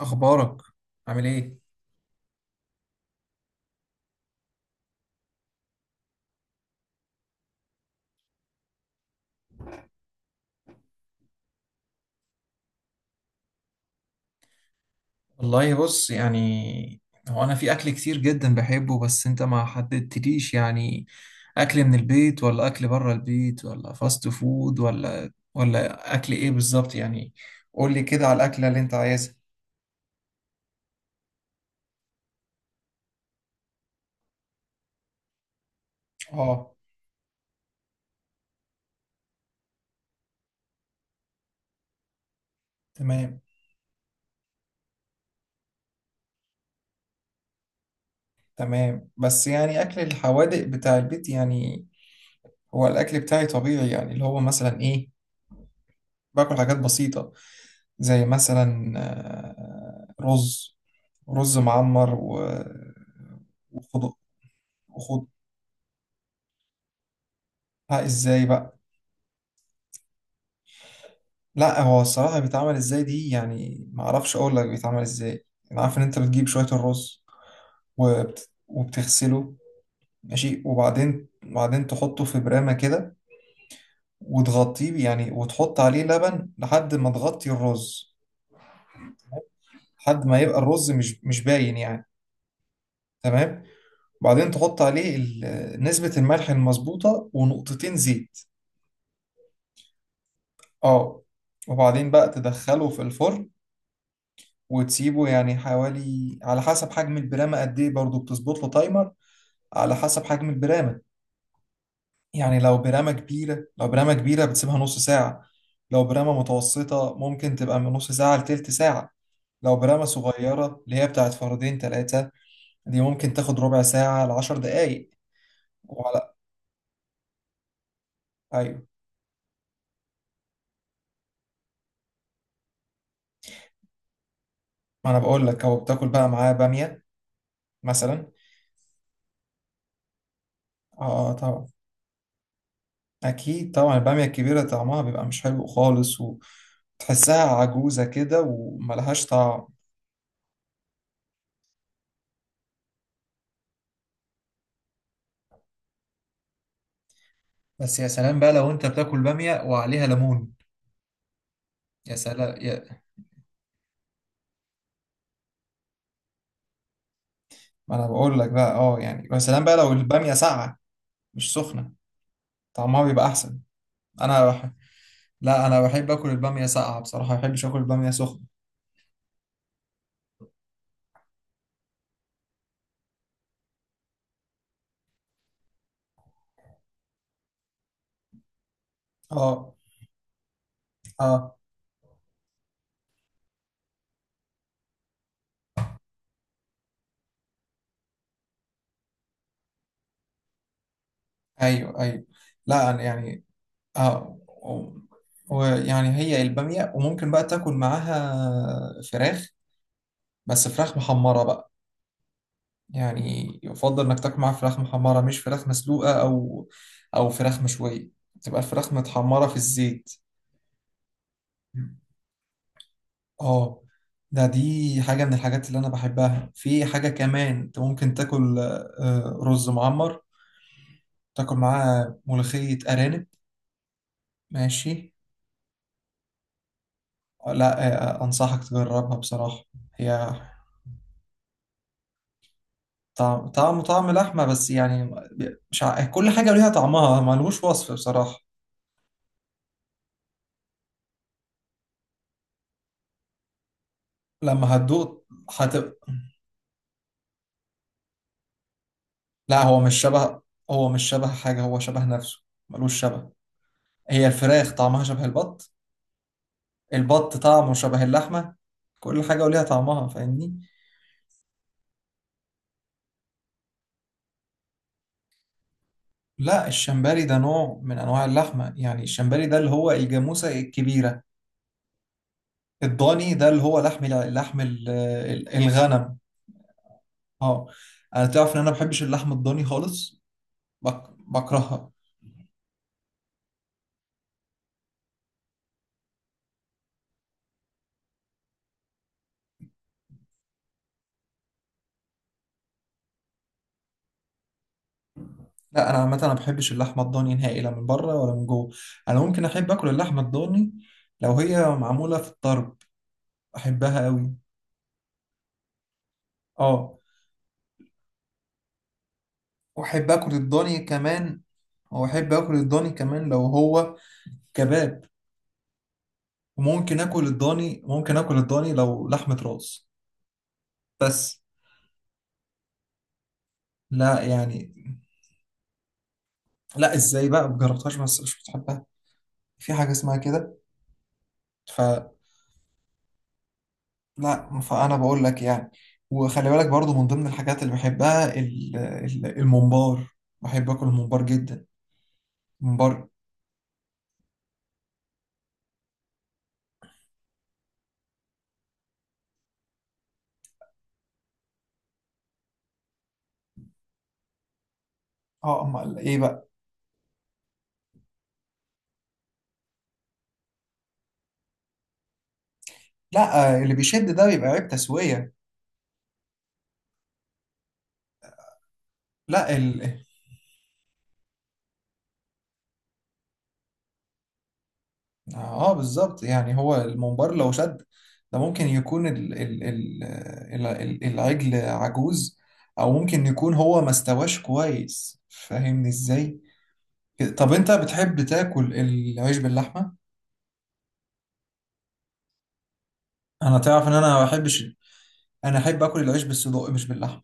اخبارك؟ عامل ايه؟ والله بص، يعني هو انا في اكل كتير جدا بحبه، بس انت ما حددتليش يعني اكل من البيت ولا اكل بره البيت ولا فاست فود ولا اكل ايه بالظبط يعني؟ قول لي كده على الاكله اللي انت عايزها. اه. تمام، تمام، بس يعني اكل الحوادق بتاع البيت يعني. هو الاكل بتاعي طبيعي يعني، اللي هو مثلا ايه، باكل حاجات بسيطه، زي مثلا رز معمر وخد وخدها. ازاي بقى؟ لا هو الصراحة بيتعمل ازاي دي، يعني ما اعرفش اقول لك بيتعمل ازاي. انا عارف ان انت بتجيب شوية الرز وبتغسله، ماشي، وبعدين تحطه في برامة كده، وتغطيه يعني، وتحط عليه لبن لحد ما تغطي الرز، لحد ما يبقى الرز مش باين يعني. تمام، وبعدين تحط عليه نسبة الملح المظبوطة ونقطتين زيت. اه. وبعدين بقى تدخله في الفرن، وتسيبه يعني حوالي، على حسب حجم البرامة قد ايه برضه بتظبط له تايمر، على حسب حجم البرامة. يعني لو برامة كبيرة بتسيبها نص ساعة. لو برامة متوسطة ممكن تبقى من نص ساعة لتلت ساعة. لو برامة صغيرة اللي هي بتاعت فردين تلاتة، دي ممكن تاخد ربع ساعة لعشر دقايق. وعلى أيوة. ما أنا بقول لك، هو بتاكل بقى معاه بامية مثلا. اه طبعا، اكيد طبعا، الباميه الكبيره طعمها بيبقى مش حلو خالص، وتحسها عجوزه كده، وملهاش طعم. بس يا سلام بقى لو انت بتاكل بامية وعليها ليمون، يا سلام. ما انا بقول لك بقى اه يعني، يا سلام بقى لو الباميه ساقعه مش سخنه طعمها بيبقى احسن. انا بح... لا انا بحب اكل الباميه ساقعه بصراحه، ما بحبش اكل الباميه سخنه. اه، اه، ايوه، ايوه، لا أنا يعني، اه ويعني هي البامية، وممكن بقى تاكل معاها فراخ، بس فراخ محمرة بقى. يعني يفضل انك تاكل معاها فراخ محمرة مش فراخ مسلوقة او فراخ مشوية. تبقى الفراخ متحمرة في الزيت. اه. دي حاجة من الحاجات اللي انا بحبها. في حاجة كمان انت ممكن تاكل رز معمر، تاكل معاه ملوخية ارانب. ماشي. لا، انصحك تجربها بصراحة. هي طعم لحمة بس يعني، ب- مش ع... كل حاجة ليها طعمها ملهوش وصف بصراحة. لما هتدوق، هت... لا هو مش شبه حاجة، هو شبه نفسه، ملوش شبه. هي الفراخ طعمها شبه البط، البط طعمه شبه اللحمة. كل حاجة وليها طعمها، فاهمني. لا الشمبري ده نوع من أنواع اللحمة يعني، الشمبري ده اللي هو الجاموسة الكبيرة. الضاني ده اللي هو لحم الع- لحم ال- ال- الغنم. اه. انا تعرف ان انا ما بحبش اللحم الضاني خالص، بكرهها. لا انا عامه انا ما بحبش اللحمه الضاني نهائي، لا من بره ولا من جوه. انا ممكن احب اكل اللحمه الضاني لو هي معموله في الطرب، احبها قوي. اه، واحب اكل الضاني كمان واحب اكل الضاني كمان لو هو كباب. وممكن اكل الضاني لو لحمه راس بس. لا يعني، لا ازاي بقى مجربتهاش بس مش بتحبها؟ في حاجه اسمها كده؟ لا فانا بقول لك يعني، وخلي بالك برضو من ضمن الحاجات اللي بحبها الممبار، بحب اكل الممبار جدا. الممبار. اه، امال ايه بقى؟ لا، اللي بيشد ده بيبقى عيب تسويه. لا اه بالظبط، يعني هو الممبار لو شد، ده ممكن يكون العجل عجوز، او ممكن يكون هو ما استواش كويس، فاهمني ازاي. طب انت بتحب تاكل العيش باللحمه؟ انا تعرف ان انا ما بحبش، انا احب اكل العيش بالصدق مش باللحمه.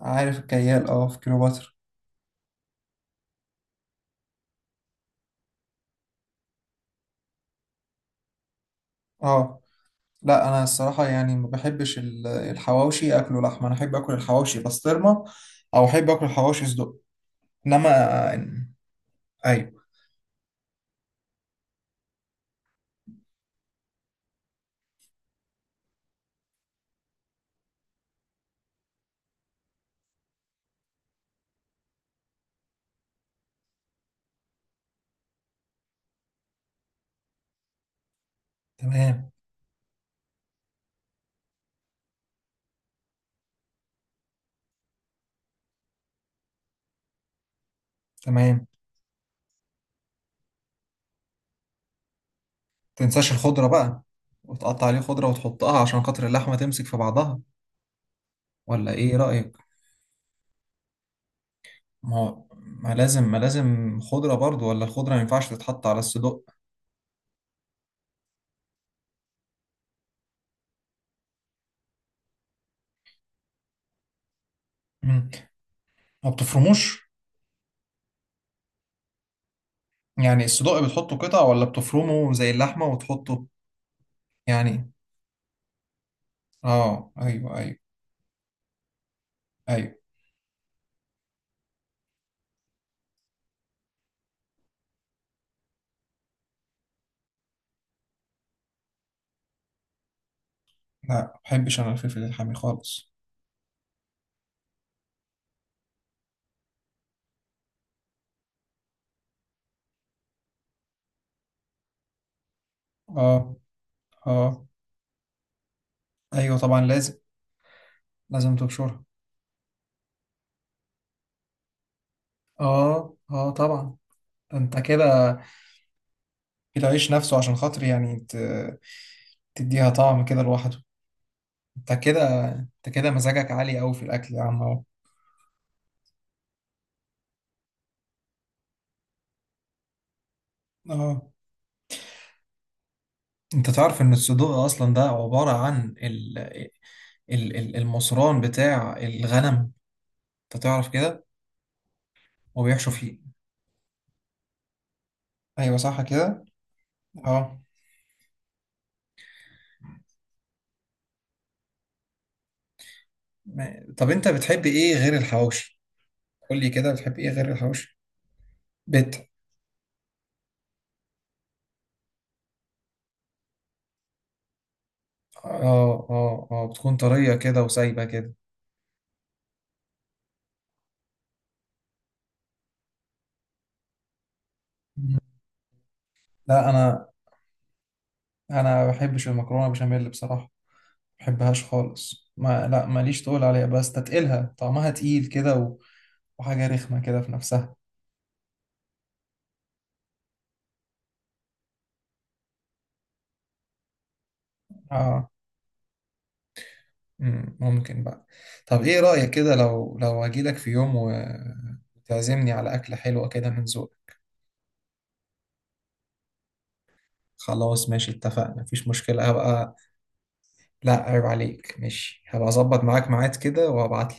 عارف الكيال، اه في كليوباترا. اه. لا انا الصراحه يعني ما بحبش الحواوشي اكله لحمه، انا احب اكل الحواوشي بسطرمه، او احب اكل الحواوشي صدق. انما آه، ايوه. تمام، تمام، تنساش الخضره بقى، وتقطع عليه خضره وتحطها عشان خاطر اللحمه تمسك في بعضها، ولا ايه رايك؟ ما هو ما لازم خضره برضو، ولا الخضره ما ينفعش تتحط على الصدق؟ مم. ما بتفرموش؟ يعني الصدوق بتحطه قطع ولا بتفرمه زي اللحمة وتحطه يعني؟ اه، ايوه، ايوه، ايوه. لا ما بحبش انا الفلفل الحامي خالص. اه، اه، ايوه طبعا لازم. لازم تبشرها. اه، اه طبعا، ده انت كده، العيش نفسه عشان خاطر يعني تديها طعم كده لوحده. انت كده انت كده مزاجك عالي قوي في الاكل يا عم اهو. اه، انت تعرف ان الصدوق اصلا ده عبارة عن المصران بتاع الغنم، انت تعرف كده، وبيحشوا فيه. ايوه، صح كده. اه، طب انت بتحب ايه غير الحواوشي؟ قول لي كده بتحب ايه غير الحواوشي. بيت. اه، اه، اه، بتكون طريه كده وسايبه كده. مم. لا، انا ما بحبش المكرونه بشاميل بصراحه، ما بحبهاش خالص، ما، لا، ماليش تقول عليها، بستتقلها طعمها تقيل كده وحاجه رخمه كده في نفسها. اه. ممكن بقى. طب ايه رايك كده لو اجي لك في يوم وتعزمني على اكله حلوه كده من ذوقك؟ خلاص ماشي، اتفقنا، مفيش مشكلة، هبقى. لا عيب عليك، ماشي، هبقى اظبط معاك ميعاد كده وهبعت.